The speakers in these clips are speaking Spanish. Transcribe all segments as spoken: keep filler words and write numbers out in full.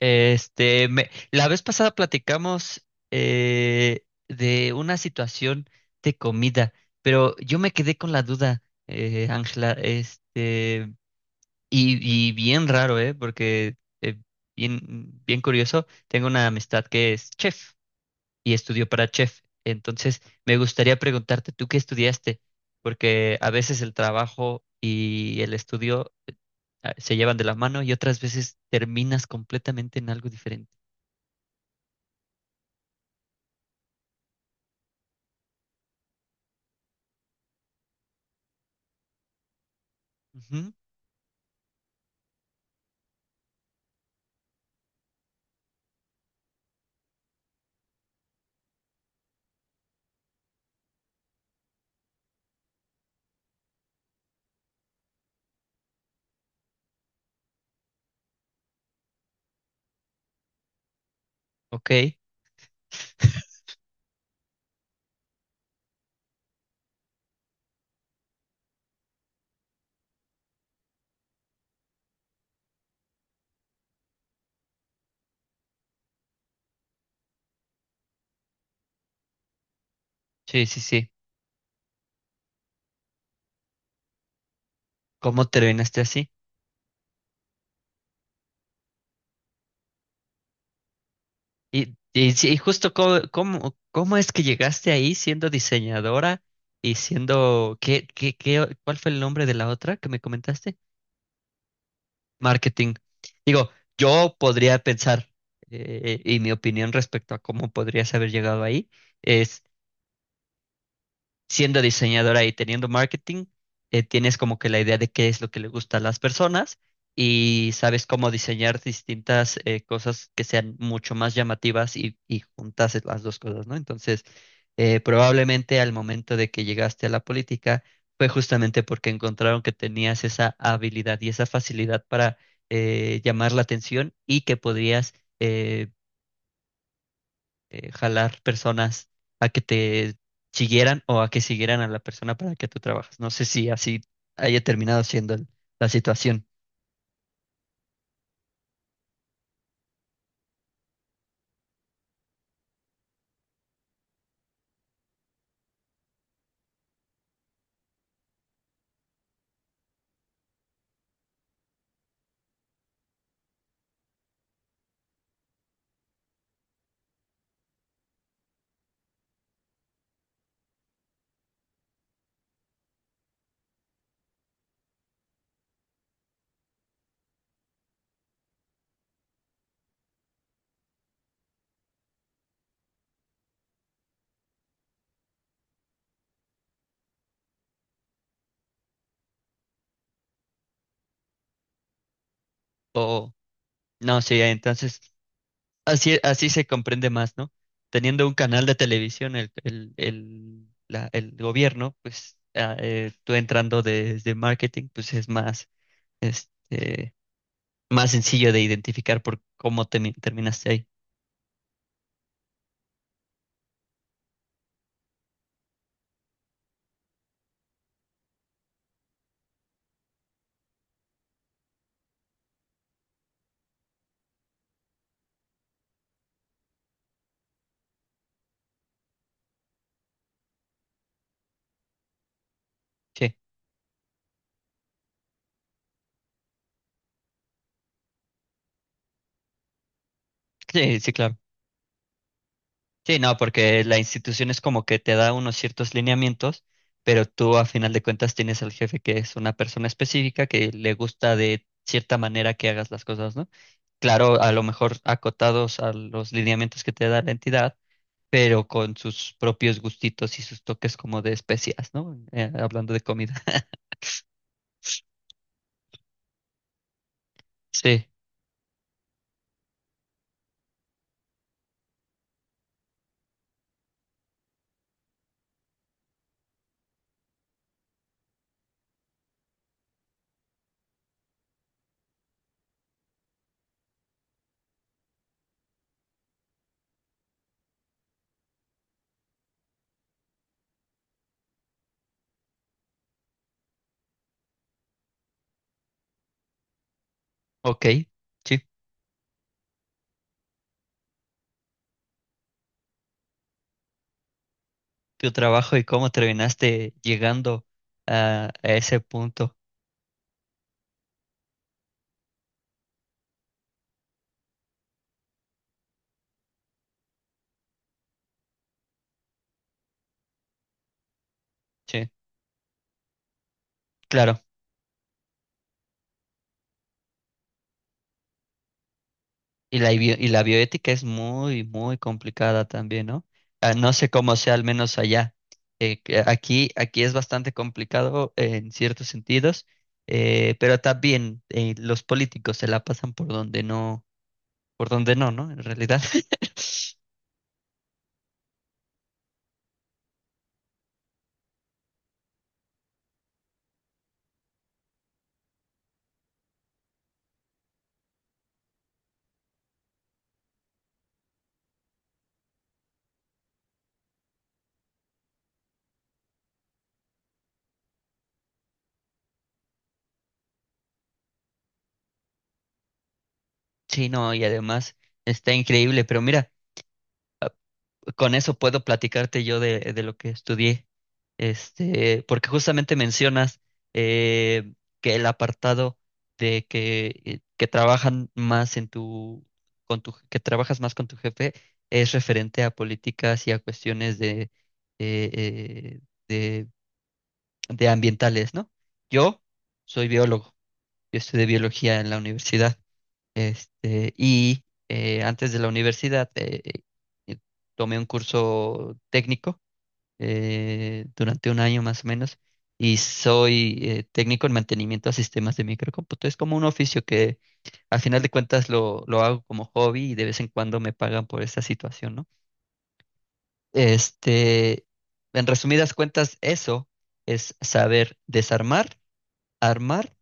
Este, me- la vez pasada platicamos eh, de una situación de comida, pero yo me quedé con la duda, eh, Ángela, este, y, y bien raro, ¿eh? Porque eh, bien, bien curioso, tengo una amistad que es chef y estudió para chef. Entonces me gustaría preguntarte, ¿tú qué estudiaste? Porque a veces el trabajo y el estudio ah, se llevan de la mano y otras veces terminas completamente en algo diferente. Ok, sí, sí, sí. ¿Cómo terminaste así? Y, y, sí, y justo cómo, cómo, cómo es que llegaste ahí siendo diseñadora y siendo, ¿qué, qué, qué, cuál fue el nombre de la otra que me comentaste? Marketing. Digo, yo podría pensar, eh, y mi opinión respecto a cómo podrías haber llegado ahí, siendo diseñadora y teniendo marketing, eh, tienes como que la idea de qué es lo que le gusta a las personas y sabes cómo diseñar distintas eh, cosas que sean mucho más llamativas y, y juntas las dos cosas, ¿no? Entonces, eh, probablemente al momento de que llegaste a la política fue justamente porque encontraron que tenías esa habilidad y esa facilidad para eh, llamar la atención y que podrías... eh, eh, jalar personas a que te siguieran o a que siguieran a la persona para la que tú trabajas. No sé si así haya terminado siendo el- la situación o no, sí. Entonces así, así se comprende más, ¿no? Teniendo un canal de televisión, el, el, el, la- el gobierno, pues ah, eh, tú entrando desde marketing, pues es más, este, más sencillo de identificar por cómo te, terminaste ahí. Sí, sí, sí, claro. Sí, no, porque la institución es como que te da unos ciertos lineamientos, pero tú a final de cuentas tienes al jefe, que es una persona específica que le gusta de cierta manera que hagas las cosas, ¿no? Claro, a lo mejor acotados a los lineamientos que te da la entidad, pero con sus propios gustitos y sus toques como de especias, ¿no? Eh, hablando de comida. Sí, ok, sí, tu trabajo y cómo terminaste llegando a a ese punto. Sí, claro. Y la, bio- y la bioética es muy, muy complicada también, ¿no? Ah, no sé cómo sea, al menos allá. Eh, que aquí, aquí es bastante complicado en ciertos sentidos, eh, pero también eh, los políticos se la pasan por donde no, por donde no, ¿no? En realidad. Sí, no, y además está increíble, pero mira, con eso puedo platicarte yo de, de lo que estudié. Este, porque justamente mencionas eh, que el apartado de que, eh, que trabajan más en tu, con tu, que trabajas más con tu jefe es referente a políticas y a cuestiones de, eh, eh, de, de ambientales, ¿no? Yo soy biólogo, yo estudié biología en la universidad. Este, y eh, antes de la universidad eh, eh, tomé un curso técnico eh, durante un año más o menos y soy eh, técnico en mantenimiento a sistemas de microcómputo. Es como un oficio que al final de cuentas lo, lo hago como hobby y de vez en cuando me pagan por esta situación, ¿no? Este, en resumidas cuentas, eso es saber desarmar, armar,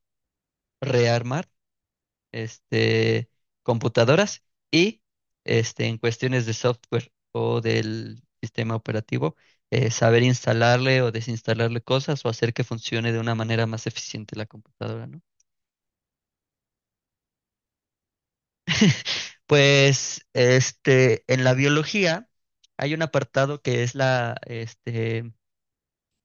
rearmar este, computadoras y este, en cuestiones de software o del sistema operativo, eh, saber instalarle o desinstalarle cosas o hacer que funcione de una manera más eficiente la computadora, ¿no? Pues este, en la biología hay un apartado que es la, este,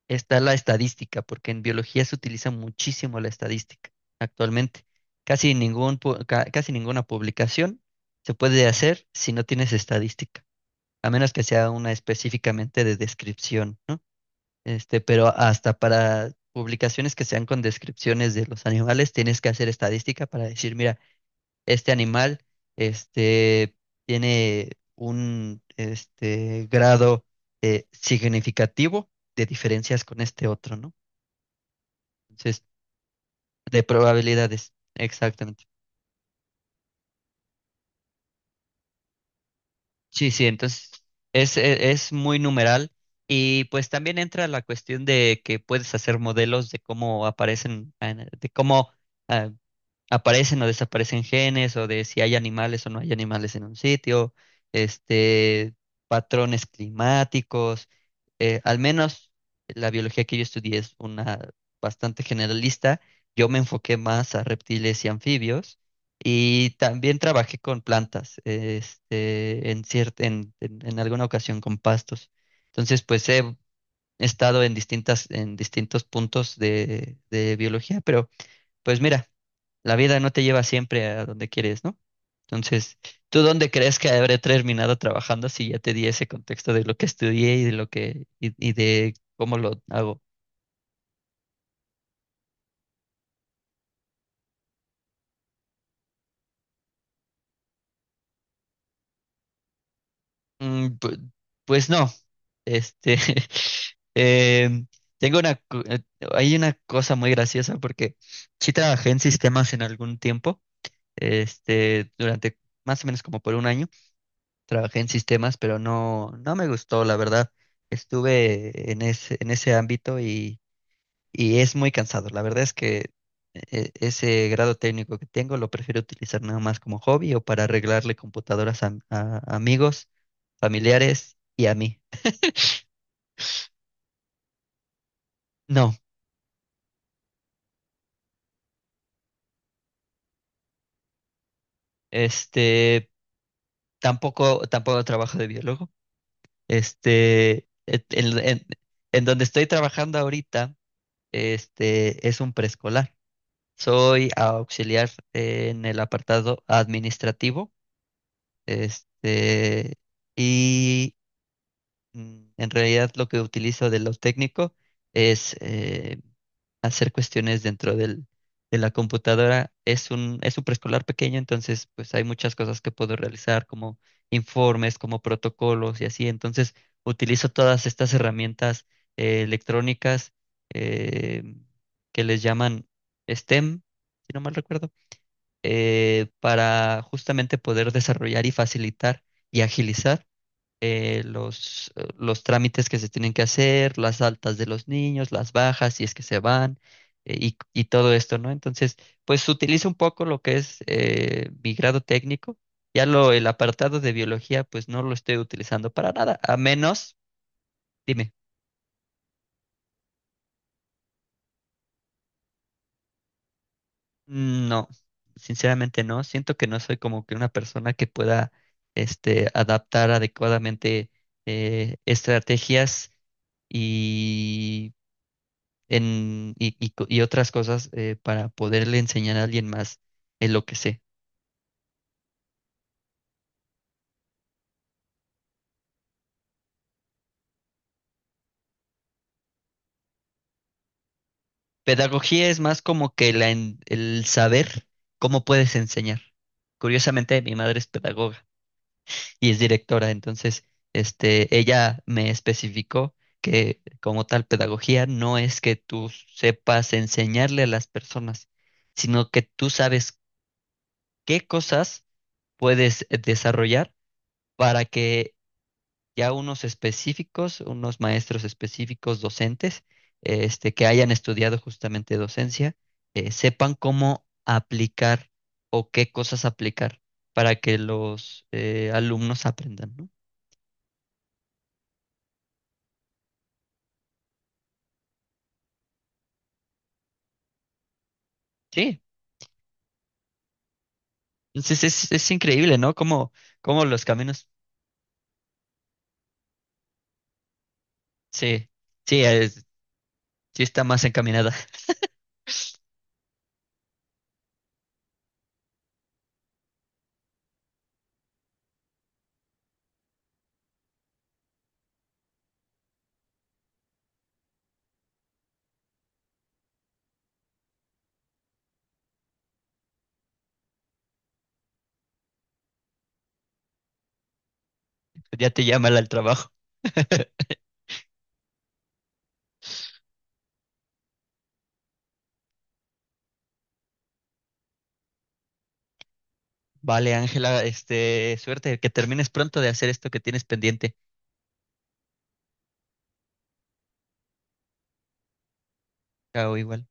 está la estadística, porque en biología se utiliza muchísimo la estadística actualmente. Casi ningún, pu- ca- Casi ninguna publicación se puede hacer si no tienes estadística, a menos que sea una específicamente de descripción, ¿no? Este, pero hasta para publicaciones que sean con descripciones de los animales, tienes que hacer estadística para decir, mira, este animal, este, tiene un, este, grado eh, significativo de diferencias con este otro, ¿no? Entonces, de probabilidades, exactamente. Sí, sí, entonces es, e- es muy numeral y pues también entra la cuestión de que puedes hacer modelos de cómo aparecen, eh, de cómo ah, aparecen o desaparecen genes o de si hay animales o no hay animales en un sitio, este, patrones climáticos. Eh, al menos la biología que yo estudié es una bastante generalista. Yo me enfoqué más a reptiles y anfibios y también trabajé con plantas, este, en cier- en, en- en alguna ocasión con pastos. Entonces, pues he estado en distintas, en distintos puntos de de biología, pero pues mira, la vida no te lleva siempre a donde quieres, ¿no? Entonces, ¿tú dónde crees que habré terminado trabajando si ya te di ese contexto de lo que estudié y de lo que y, y de cómo lo hago? Mm, pu- pues no, este, em, tengo una, cu- eh, hay una cosa muy graciosa porque sí trabajé en sistemas en algún tiempo, este, durante más o menos como por un año. Trabajé en sistemas, pero no, no me gustó, la verdad. Estuve en ese, en ese ámbito y, y es muy cansado. La verdad es que e- ese grado técnico que tengo lo prefiero utilizar nada más como hobby o para arreglarle computadoras a, a amigos, familiares y a mí. No, este, tampoco, tampoco trabajo de biólogo. Este, et- en, en en donde estoy trabajando ahorita, este, es un preescolar. Soy auxiliar en el apartado administrativo, este, y mm, en realidad lo que utilizo de lo técnico es eh, hacer cuestiones dentro del, de la computadora. Es un, es un preescolar pequeño, entonces pues hay muchas cosas que puedo realizar como informes, como protocolos y así. Entonces utilizo todas estas herramientas eh, electrónicas eh, que les llaman S T E M, si no mal recuerdo, eh, para justamente poder desarrollar y facilitar y agilizar eh, los, eh, los trámites que se tienen que hacer, las altas de los niños, las bajas, si es que se van, eh, y, y todo esto, ¿no? Entonces, pues utilizo un poco lo que es eh, mi grado técnico. Ya lo, el apartado de biología, pues no lo estoy utilizando para nada, a menos, dime. Mm, no, sinceramente no. Siento que no soy como que una persona que pueda este, adaptar adecuadamente eh, estrategias y, en, y, y co- y otras cosas eh, para poderle enseñar a alguien más en lo que sé. Pedagogía es más como que la en- el saber cómo puedes enseñar. Curiosamente, mi madre es pedagoga y es directora. Entonces, este, ella me especificó que como tal pedagogía no es que tú sepas enseñarle a las personas, sino que tú sabes qué cosas puedes eh, desarrollar para que ya unos específicos, unos maestros específicos, docentes, eh, este, que hayan estudiado justamente docencia, eh, sepan cómo aplicar o qué cosas aplicar para que los eh, alumnos aprendan, ¿no? Sí, entonces es, es increíble, ¿no? Cómo, cómo los caminos, sí, sí, es- sí está más encaminada. Ya te llama el al trabajo. Vale, Ángela, este, suerte, que termines pronto de hacer esto que tienes pendiente. Chao, igual.